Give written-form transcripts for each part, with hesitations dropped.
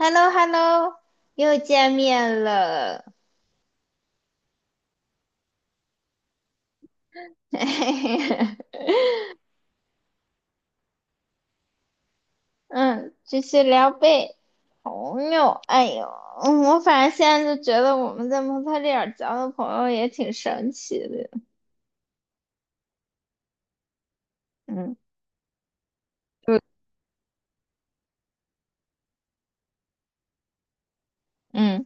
hello hello 又见面了。嗯，继续聊呗。朋友，哎呦，我反正现在就觉得我们在蒙特利尔交的朋友也挺神奇的。嗯，就嗯，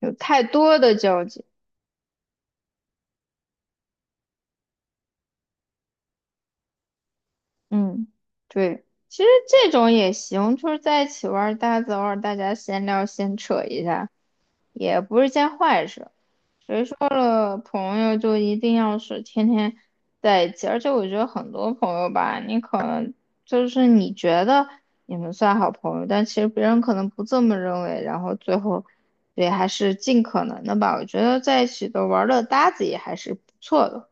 有太多的交集。嗯，对，其实这种也行，就是在一起玩儿搭子，大家偶尔大家闲聊闲扯一下，也不是件坏事。谁说了朋友就一定要是天天在一起？而且我觉得很多朋友吧，你可能就是你觉得你们算好朋友，但其实别人可能不这么认为，然后最后，也还是尽可能的吧。我觉得在一起的玩儿的搭子也还是不错的。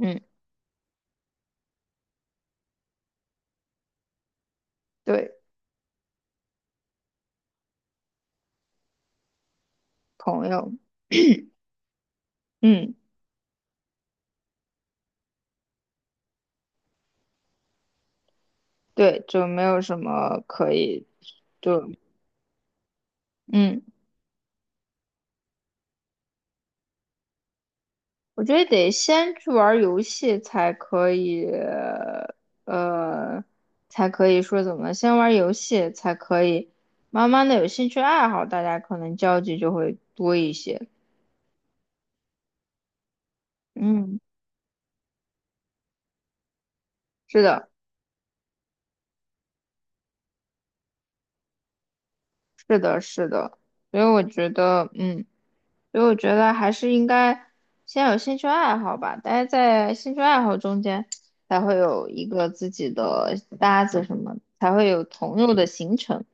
嗯，对，朋友，嗯，对，就没有什么可以，就嗯。我觉得得先去玩儿游戏才可以，呃，才可以说怎么，先玩儿游戏才可以，慢慢的有兴趣爱好，大家可能交集就会多一些。嗯，是的，是的，是的，所以我觉得，嗯，所以我觉得还是应该先有兴趣爱好吧，大家在兴趣爱好中间才会有一个自己的搭子什么，才会有朋友的形成。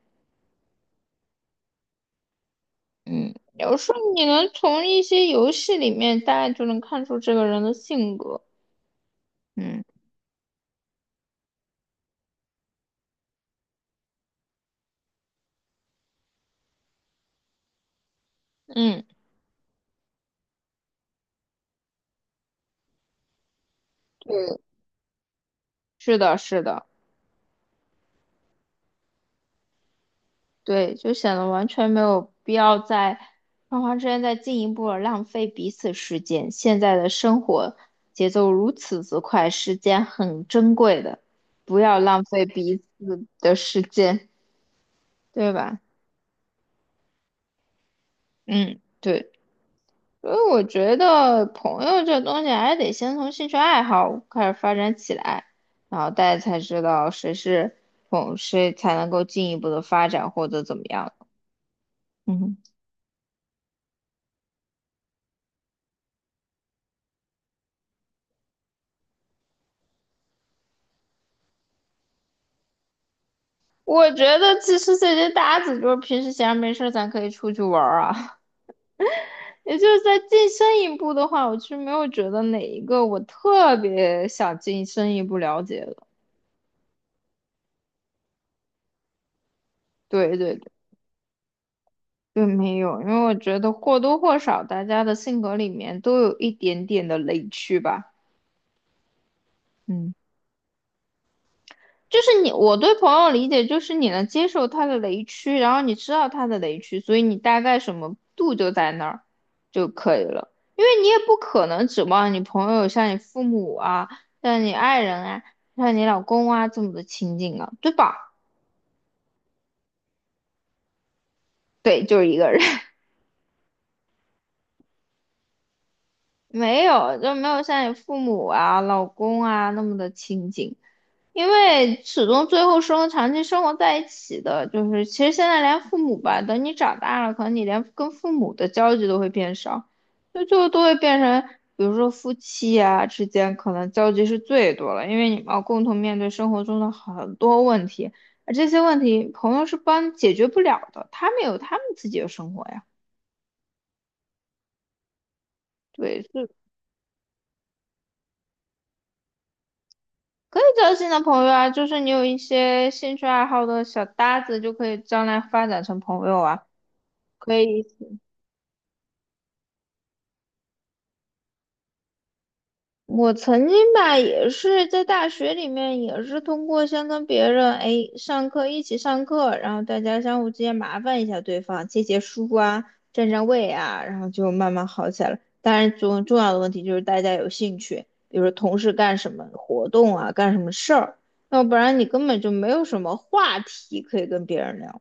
嗯，有时候你能从一些游戏里面大概就能看出这个人的性格。嗯嗯，对，是的，是的，对，就显得完全没有必要在双方之间再进一步的浪费彼此时间。现在的生活节奏如此之快，时间很珍贵的，不要浪费彼此的时间，对吧？嗯，对。所以我觉得朋友这东西还得先从兴趣爱好开始发展起来，然后大家才知道谁是朋，谁才能够进一步的发展或者怎么样。嗯哼，我觉得其实这些搭子就是平时闲着没事儿，咱可以出去玩儿啊。也就是再进深一步的话，我其实没有觉得哪一个我特别想进深一步了解的。对对对，对，没有，因为我觉得或多或少大家的性格里面都有一点点的雷区吧。嗯，就是你，我对朋友理解就是你能接受他的雷区，然后你知道他的雷区，所以你大概什么度就在那儿就可以了。因为你也不可能指望你朋友像你父母啊，像你爱人啊，像你老公啊这么的亲近啊，对吧？对，就是一个人，没有，就没有像你父母啊、老公啊那么的亲近。因为始终最后生活长期生活在一起的，就是其实现在连父母吧，等你长大了，可能你连跟父母的交集都会变少，就最后都会变成，比如说夫妻啊之间可能交集是最多了，因为你们要共同面对生活中的很多问题，而这些问题朋友是帮解决不了的，他们有他们自己的生活呀，对，是可以交新的朋友啊，就是你有一些兴趣爱好的小搭子，就可以将来发展成朋友啊。可以。我曾经吧，也是在大学里面，也是通过先跟别人哎上课一起上课，然后大家相互之间麻烦一下对方，借借书啊，占占位啊，然后就慢慢好起来了。当然，重要的问题就是大家有兴趣，比如说同事干什么活动啊，干什么事儿，要不然你根本就没有什么话题可以跟别人聊。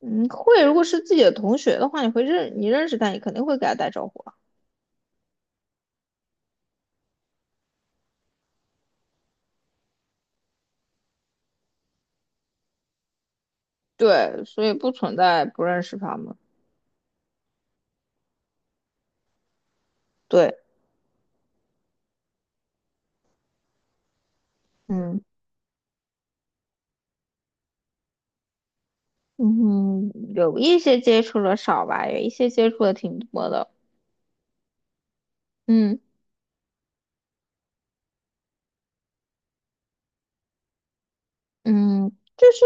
嗯，会，如果是自己的同学的话，你会你认识他，你肯定会给他打招呼啊。对，所以不存在不认识他们。对，嗯嗯，有一些接触的少吧，有一些接触的挺多的。嗯嗯，就是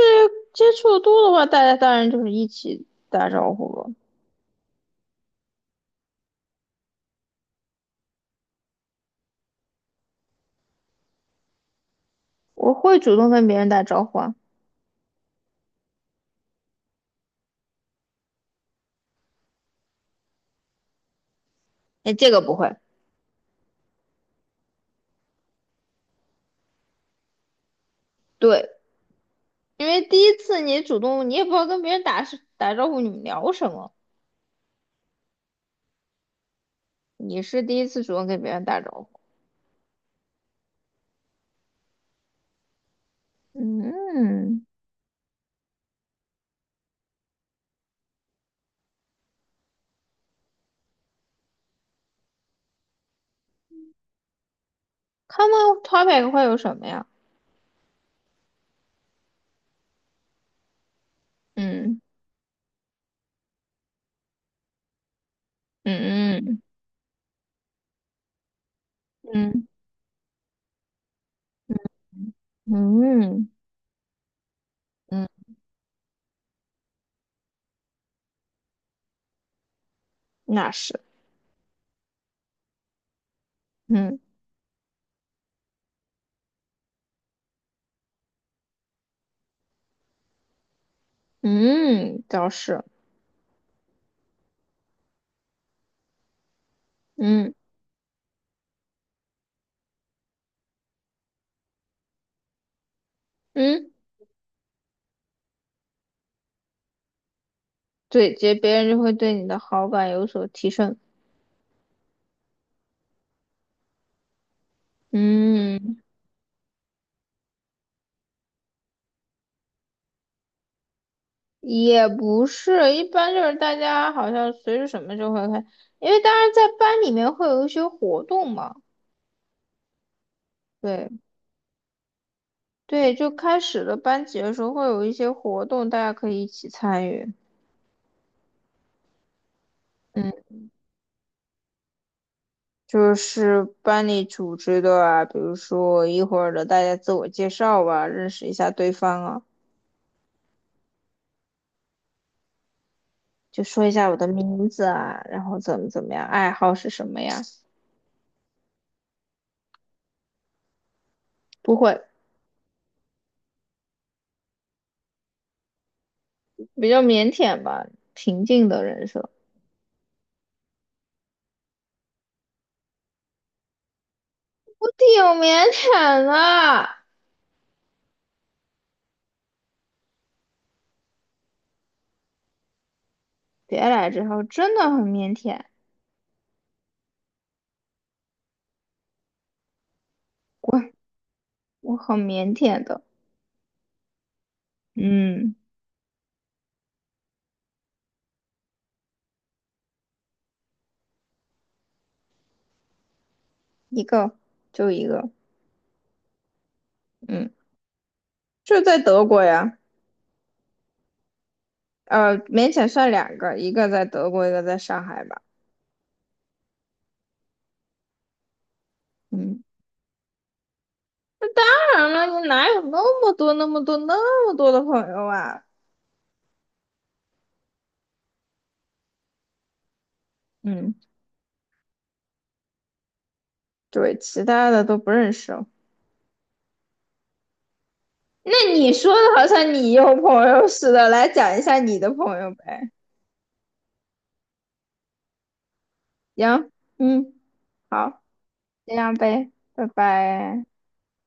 接触的多的话，大家当然就是一起打招呼了。我会主动跟别人打招呼啊，哎，这个不会。对，因为第一次你主动，你也不知道跟别人打是打招呼，你们聊什么，你是第一次主动跟别人打招呼。嗯，common topic 会有什么呀？嗯嗯嗯嗯嗯嗯，那是。嗯。嗯，倒是，嗯嗯，对，这别人就会对你的好感有所提升。嗯，也不是，一般就是大家好像随着什么就会开，因为当然在班里面会有一些活动嘛。对对，就开始了班级的时候会有一些活动，大家可以一起参与。嗯，就是班里组织的啊，比如说一会儿的大家自我介绍啊，认识一下对方啊。就说一下我的名字啊，然后怎么怎么样，爱好是什么呀？不会，比较腼腆吧，平静的人设。我挺腼腆的，别来这套，真的很腼腆，我很腼腆的。嗯，一个就一个，嗯，就在德国呀。勉强算两个，一个在德国，一个在上海吧。嗯，当然了，你哪有那么多、那么多、那么多的朋友啊？嗯，对，其他的都不认识。那你说的好像你有朋友似的，来讲一下你的朋友呗。行，嗯，好，这样呗，拜拜。